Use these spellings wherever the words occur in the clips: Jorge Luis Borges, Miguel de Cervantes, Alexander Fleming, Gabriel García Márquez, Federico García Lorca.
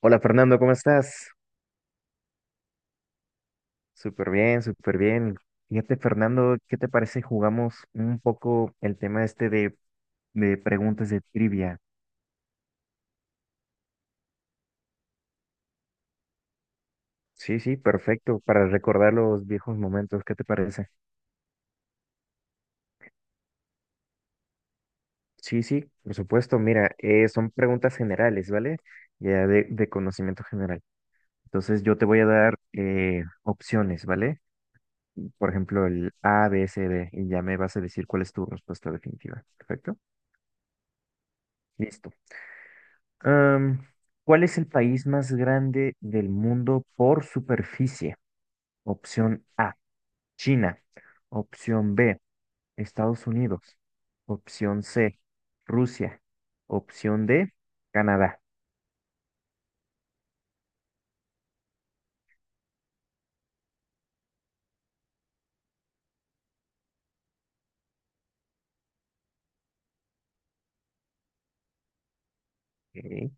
Hola Fernando, ¿cómo estás? Súper bien, súper bien. Fíjate Fernando, ¿qué te parece si jugamos un poco el tema este de preguntas de trivia? Sí, sí, perfecto, para recordar los viejos momentos, ¿qué te parece? Sí, sí, por supuesto, mira, son preguntas generales, ¿vale? Ya de conocimiento general. Entonces yo te voy a dar opciones, ¿vale? Por ejemplo, el A, B, C, D, y ya me vas a decir cuál es tu respuesta definitiva, ¿perfecto? Listo. Am, ¿Cuál es el país más grande del mundo por superficie? Opción A, China. Opción B, Estados Unidos. Opción C, Rusia. Opción D, Canadá. Ok.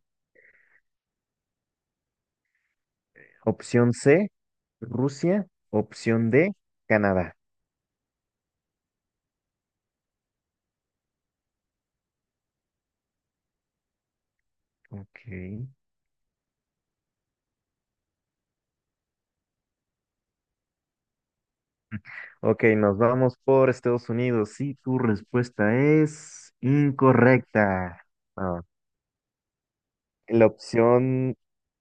Opción C, Rusia. Opción D, Canadá. Ok. Ok, nos vamos por Estados Unidos. Y tu respuesta es incorrecta. Ah, la opción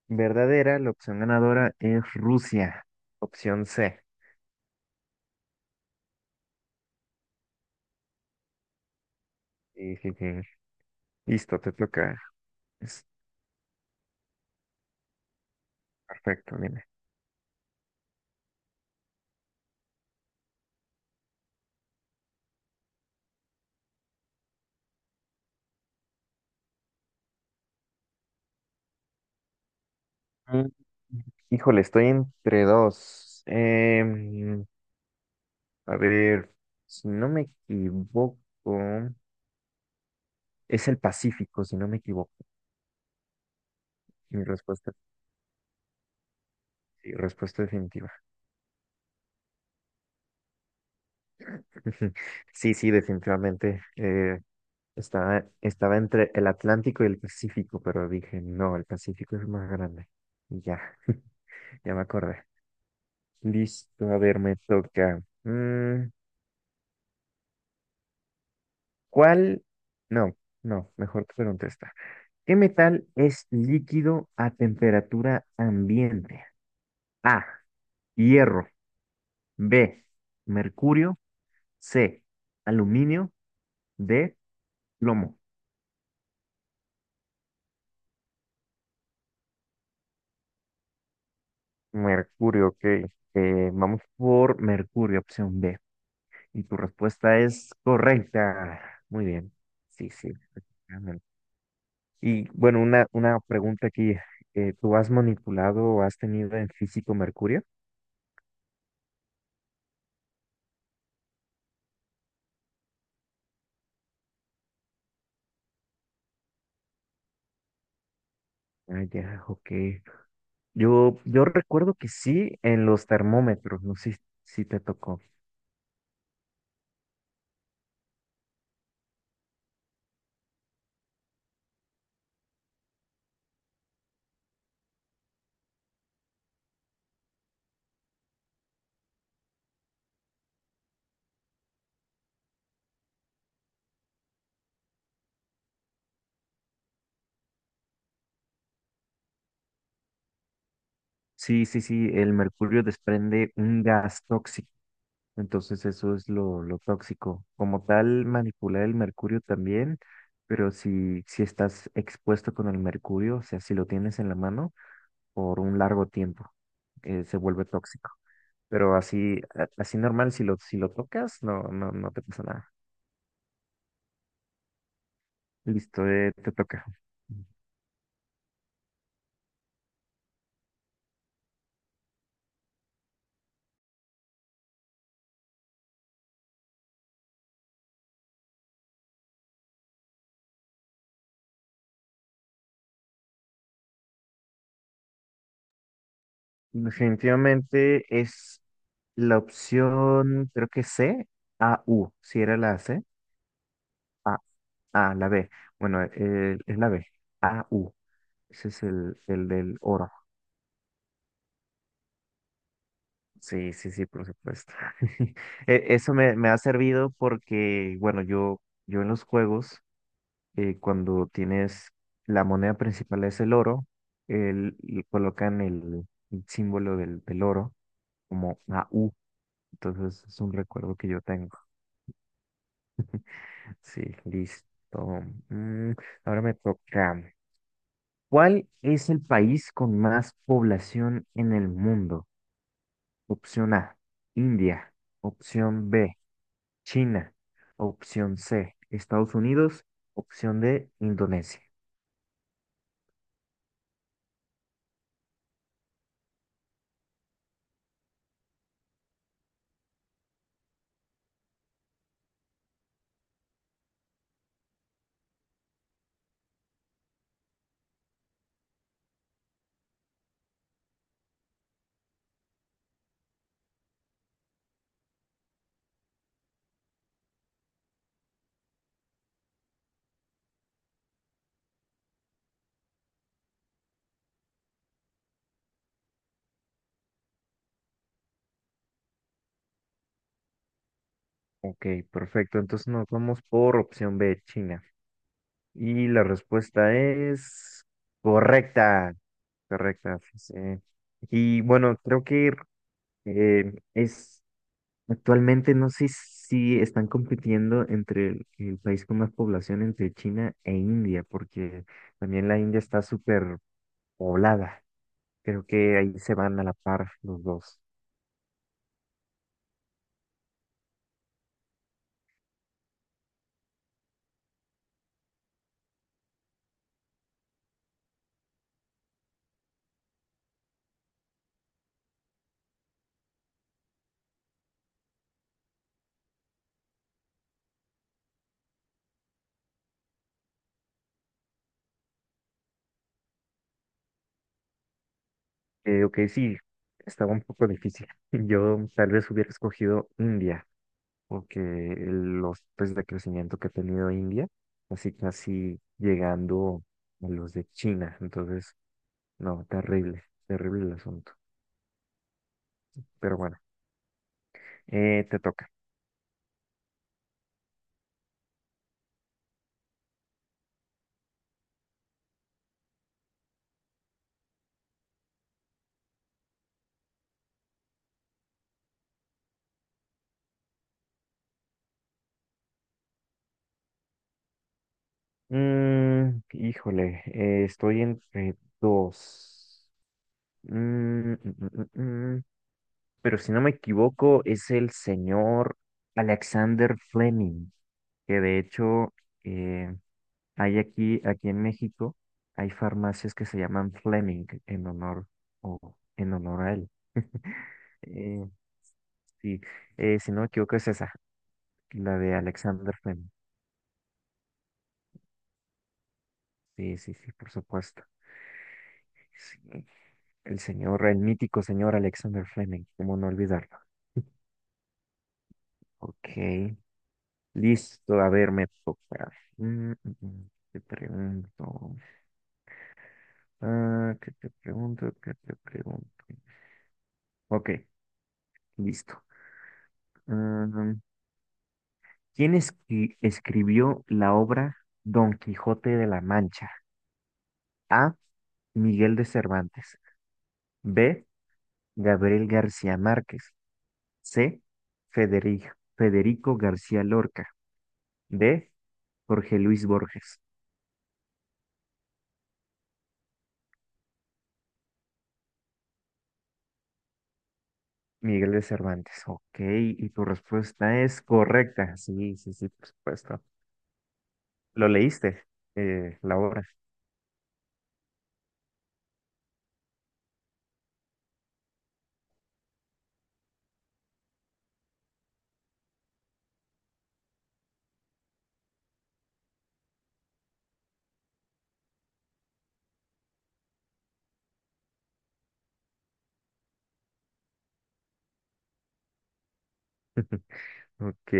verdadera, la opción ganadora es Rusia. Opción C. Sí, sí, sí. Listo, te toca. Es perfecto, dime. Mm. Híjole, estoy entre dos. A ver, si no me equivoco, es el Pacífico, si no me equivoco. Mi respuesta, sí, respuesta definitiva. Sí, sí, definitivamente. Estaba entre el Atlántico y el Pacífico, pero dije, no, el Pacífico es más grande. Y ya, ya me acordé. Listo, a ver, me toca. Mm, ¿cuál? No, no, mejor te pregunto esta. ¿Qué metal es líquido a temperatura ambiente? A, hierro, B, mercurio, C, aluminio, D, plomo. Mercurio, ok. Vamos por mercurio, opción B. Y tu respuesta es correcta. Muy bien. Sí, sí. Y bueno, una pregunta aquí. ¿Tú has manipulado o has tenido en físico mercurio? Ah, ya, ok. Yo recuerdo que sí en los termómetros, no sé si te tocó. Sí, sí, sí, el mercurio desprende un gas tóxico, entonces eso es lo tóxico. Como tal, manipular el mercurio también, pero si estás expuesto con el mercurio, o sea, si lo tienes en la mano por un largo tiempo, se vuelve tóxico. Pero así, así normal, si lo tocas, no, no, no te pasa nada. Listo, te toca. Definitivamente es la opción, creo que C, A, U. Si era la C, A, A, la B. Bueno, es la B, A, U. Ese es el del oro. Sí, sí, sí, por supuesto. Eso me ha servido porque, bueno, yo en los juegos. Cuando tienes la moneda principal es el oro, y colocan el símbolo del oro como una U. Entonces es un recuerdo que yo tengo. Sí, listo. Mm, ahora me toca. ¿Cuál es el país con más población en el mundo? Opción A, India. Opción B, China. Opción C, Estados Unidos. Opción D, Indonesia. Ok, perfecto. Entonces nos vamos por opción B, China. Y la respuesta es correcta. Correcta. Pues, y bueno, creo que es actualmente no sé si están compitiendo entre el país con más población entre China e India, porque también la India está súper poblada. Creo que ahí se van a la par los dos. Ok, sí, estaba un poco difícil. Yo tal vez hubiera escogido India. Porque los pues, de crecimiento que ha tenido India, así casi llegando a los de China. Entonces, no, terrible, terrible el asunto. Pero bueno, te toca. Mm, híjole, estoy entre dos. Mm, mm, mm, mm, mm. Pero si no me equivoco, es el señor Alexander Fleming, que de hecho... eh, hay aquí, aquí en México, hay farmacias que se llaman Fleming en honor o en honor a él. Eh, sí, si no me equivoco es esa, la de Alexander Fleming. Sí, sí, sí, por supuesto. Sí, el señor, el mítico señor Alexander Fleming, cómo no olvidarlo. Ok, listo, a ver, me toca. Mm, mm, mm, te pregunto, ah, ¿qué te pregunto? ¿Qué te pregunto? Ok, listo. Ah, ¿Quién escribió la obra Don Quijote de la Mancha? A. Miguel de Cervantes. B. Gabriel García Márquez. C. Federi- Federico García Lorca. D. Jorge Luis Borges. Miguel de Cervantes. Ok, y tu respuesta es correcta. Sí, sí, sí, por supuesto. ¿Lo leíste, la obra? Ok,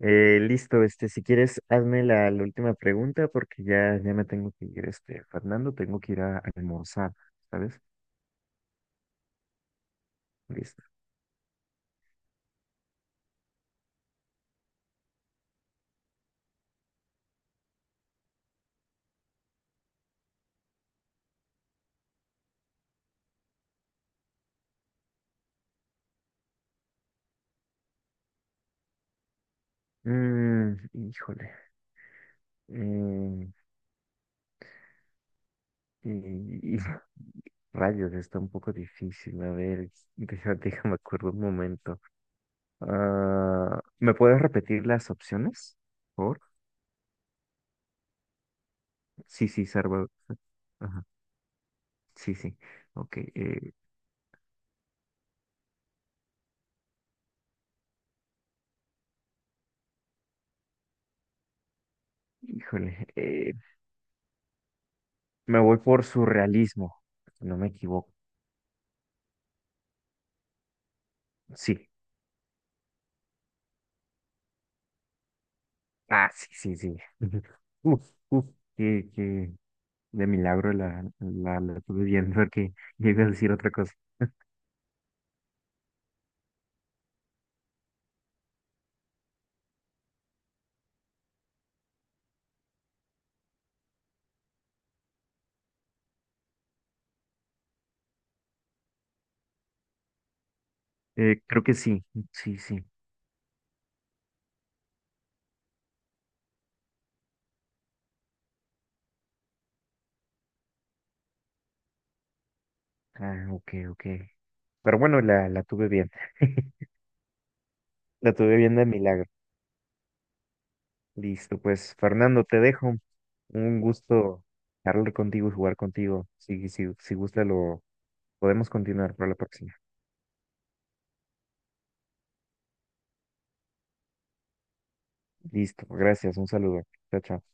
listo, este, si quieres, hazme la, la última pregunta porque ya, ya me tengo que ir, este, Fernando, tengo que ir a, almorzar, ¿sabes? Listo. Mm, híjole, eh, y, y- rayos, está un poco difícil, a ver, déjame, déjame acuerdo un momento. Ah, ¿me puedes repetir las opciones, por favor? Sí, sí, Ajá. Sí, sí. Ok. Híjole. Me voy por surrealismo. Si no me equivoco. Sí. Ah, sí, sí, sí. Uf, uf, que de milagro la estuve viendo porque yo iba a decir otra cosa. Creo que sí, sí, sí. Ah, ok, ok. Pero bueno, la tuve bien. La tuve bien de milagro. Listo, pues Fernando, te dejo. Un gusto hablar contigo y jugar contigo. Si, si, si gusta, lo podemos continuar para la próxima. Listo, gracias, un saludo. Chao, chao.